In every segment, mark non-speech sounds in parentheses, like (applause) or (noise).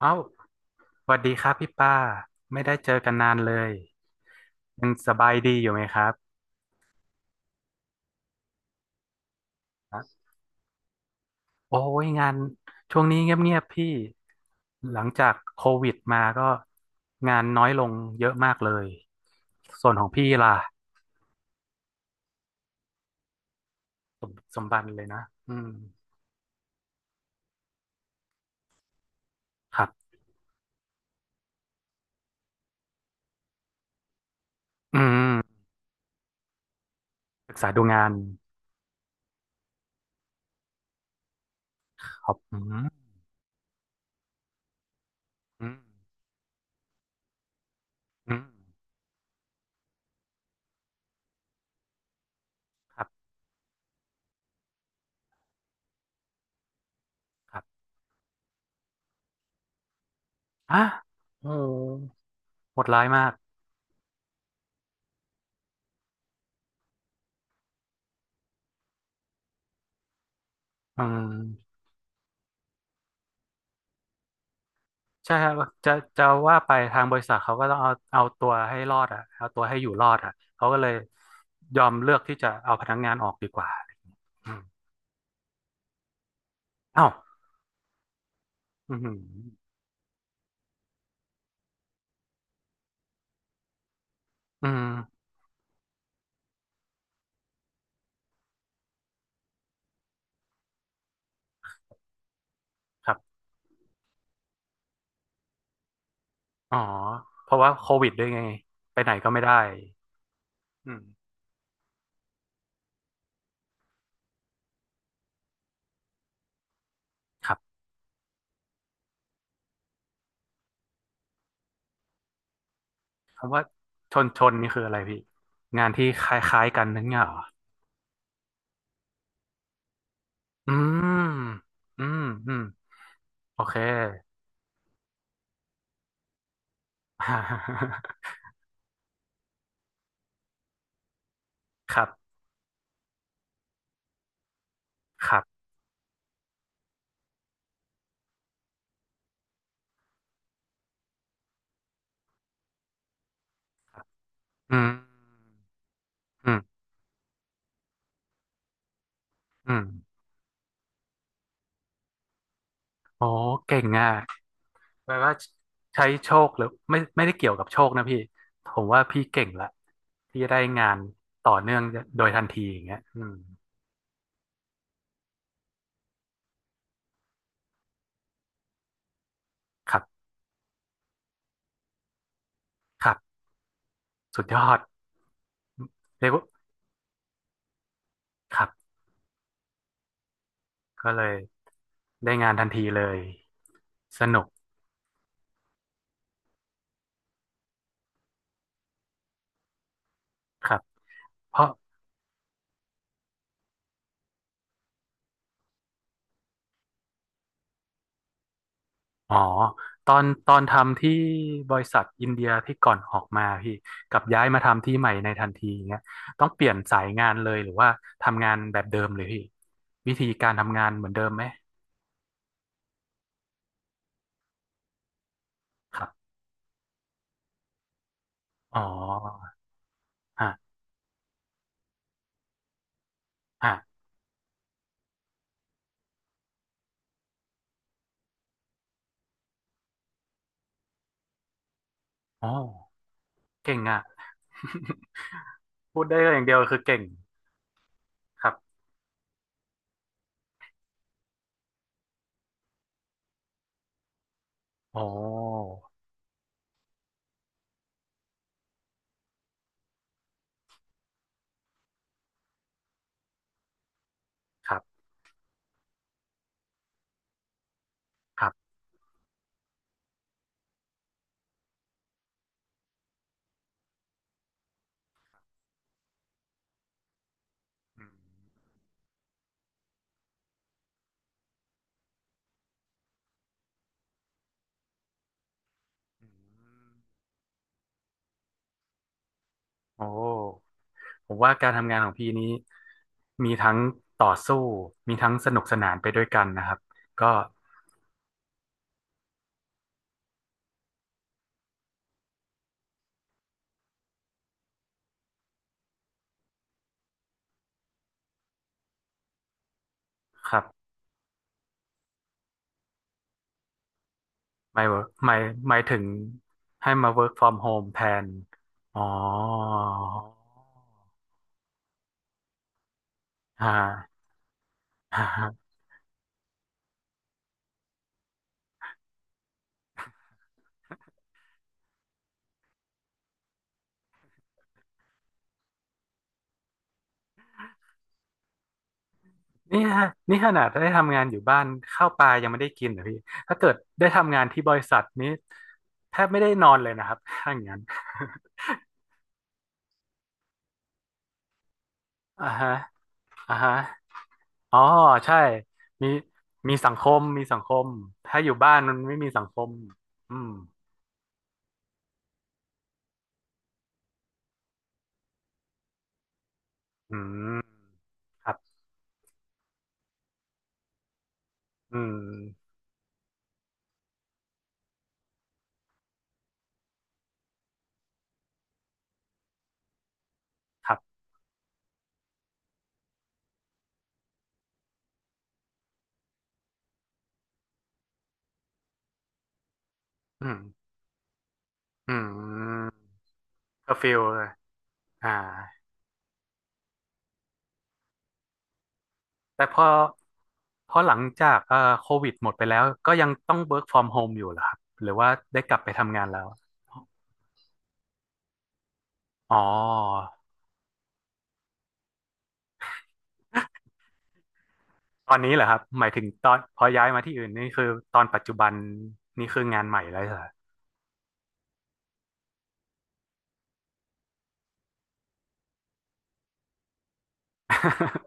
เอ้าสวัสดีครับพี่ป้าไม่ได้เจอกันนานเลยยังสบายดีอยู่ไหมครับครับโอ้ยงานช่วงนี้เงียบๆพี่หลังจากโควิดมาก็งานน้อยลงเยอะมากเลยส่วนของพี่ล่ะสมสมบัติเลยนะอืมครับอืมศึกษาดูงานครับอืมอืมอืมครับครับอ่ะโอ้โหโหดร้ายมากอืม ใช่ครับจะจะว่าไปทางบริษัทเขาก็ต้องเอาเอาตัวให้รอดอ่ะเอาตัวให้อยู่รอดอ่ะเขาก็เลยยอมเลือกที่จะเอาพนักงานออกดีกว่าอืมเอ้าอืมออืมครับอ๋อเพราะว่าโควิดด้วยไงไปไหนก็ไม่ได้อืมครับคำว่าชนชนนี่คืออะไรพี่งานที่คล้ายๆกันนั่นเหรออืมอืมอืมโอเค (laughs) ครับครับอืมอืมอืมโอ้เก่งอ่ะ แปลว่าใช้โชคหรือไม่ไม่ได้เกี่ยวกับโชคนะพี่ผมว่าพี่เก่งละที่จะได้งานต่อเนื่องโดยทันทีอย่างเงี้ยครับครับสุดยอดเรียกว่าครับก็เลยได้งานทันทีเลยสนุกครับเพราะอ๋อตอนตอนทำที่บริษัทอินเดียที่ก่อนออกมาพี่กับย้ายมาทำที่ใหม่ในทันทีอย่างเงี้ยต้องเปลี่ยนสายงานเลยหรือว่าทำงานแบบเดิมเลยพี่วิธีการทำงานเหมือนเดิมไหมครับอ๋ออ่า อ่ะอ๋อเก่งอ่ะ (laughs) พูดได้อย่างเดียวคือเก่ง ครับ โอ้ ครับ ครับอืมอืมโอ้ ผมว่าการทำงานของพี่นี้มีทั้งต่อสู้ มีทั้งสนุกสนานไปด้วยกันนะครับ ก็ ครับหมายหมายหมายถึงให้มา work from home แทนอ๋อฮะ (laughs) นี่ฮะนี่ขนาดได้ทำงานอยู่บ้านข้าวปลายังไม่ได้กินนะพี่ถ้าเกิดได้ทำงานที่บริษัทนี้แทบไม่ได้นอนเลยนะครับถ้าอย่างนั้น (laughs) อ่าฮะอ่าฮะอ๋อใช่มีมีสังคมมีสังคมถ้าอยู่บ้านมันไม่มีสังคมอืมอืมครับอืมครับอืมอืมเคอร์ฟิวเลยอ่า แต่พอพอหลังจากโควิดหมดไปแล้วก็ยังต้อง work from home อยู่เหรอครับหรือว่าได้กลับไปทำงานแล้วอ๋อตอนนี้เหรอครับหมายถึงตอนพอย้ายมาที่อื่นนี่คือตอนปัจจุบันนี่คืองานใหม่แล้วเหรอ (laughs)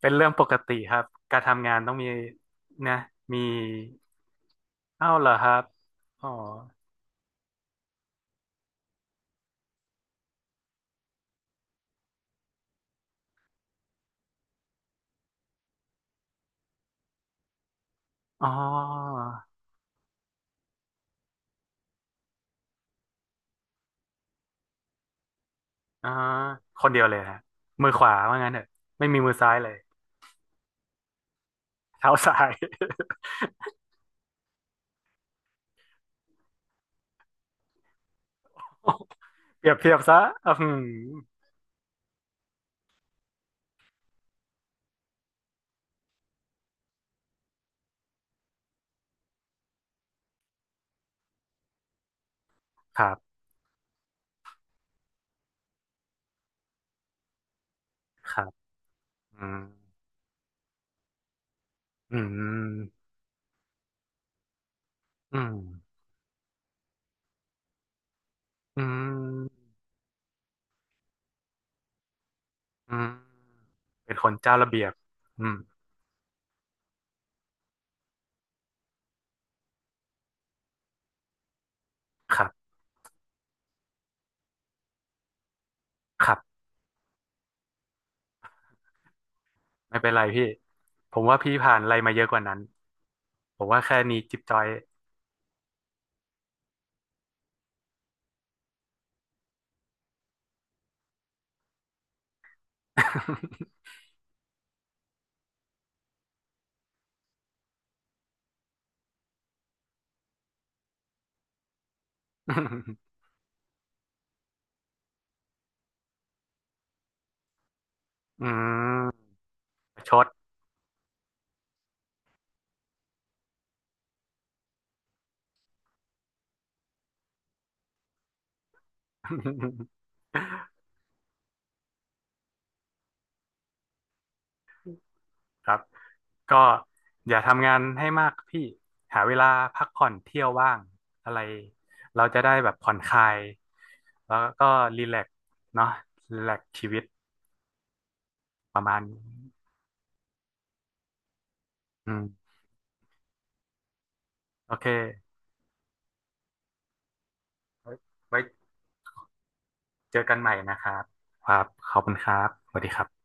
เป็นเรื่องปกติครับการทำงานต้องมีนะมีเอ้าเหรอครับอ๋ออ๋ออ๋อคนเดียวเลยฮะมือขวาว่างั้นเถอะไม่มีมือซ้ายเลยเท้าซ้าย (laughs) เปรียบเทียบซะอืมครับครับอืมอืมอืมอืมอืมเป็นคนเจ้าระเบียบอืมครับครับไม่เป็นไรพี่ผมว่าพี่ผ่านอะไรมาเยอะกว่านั้นผมว่าแค่นี้จิ๊บจอย (laughs) อืมประชด (laughs) ครับก็อย่าทำงานให้มากพี่หาเวลาพักผ่อนเที่ยวว่างอะไรเราจะได้แบบผ่อนคลายแล้วก็รีแลกซ์เนาะรีแลกซ์ชีวิตประมาณนี้อืมโอเคไว้ไว้เจอกันใหม่นะครับครับขอบคุณครับสวัสดีครับ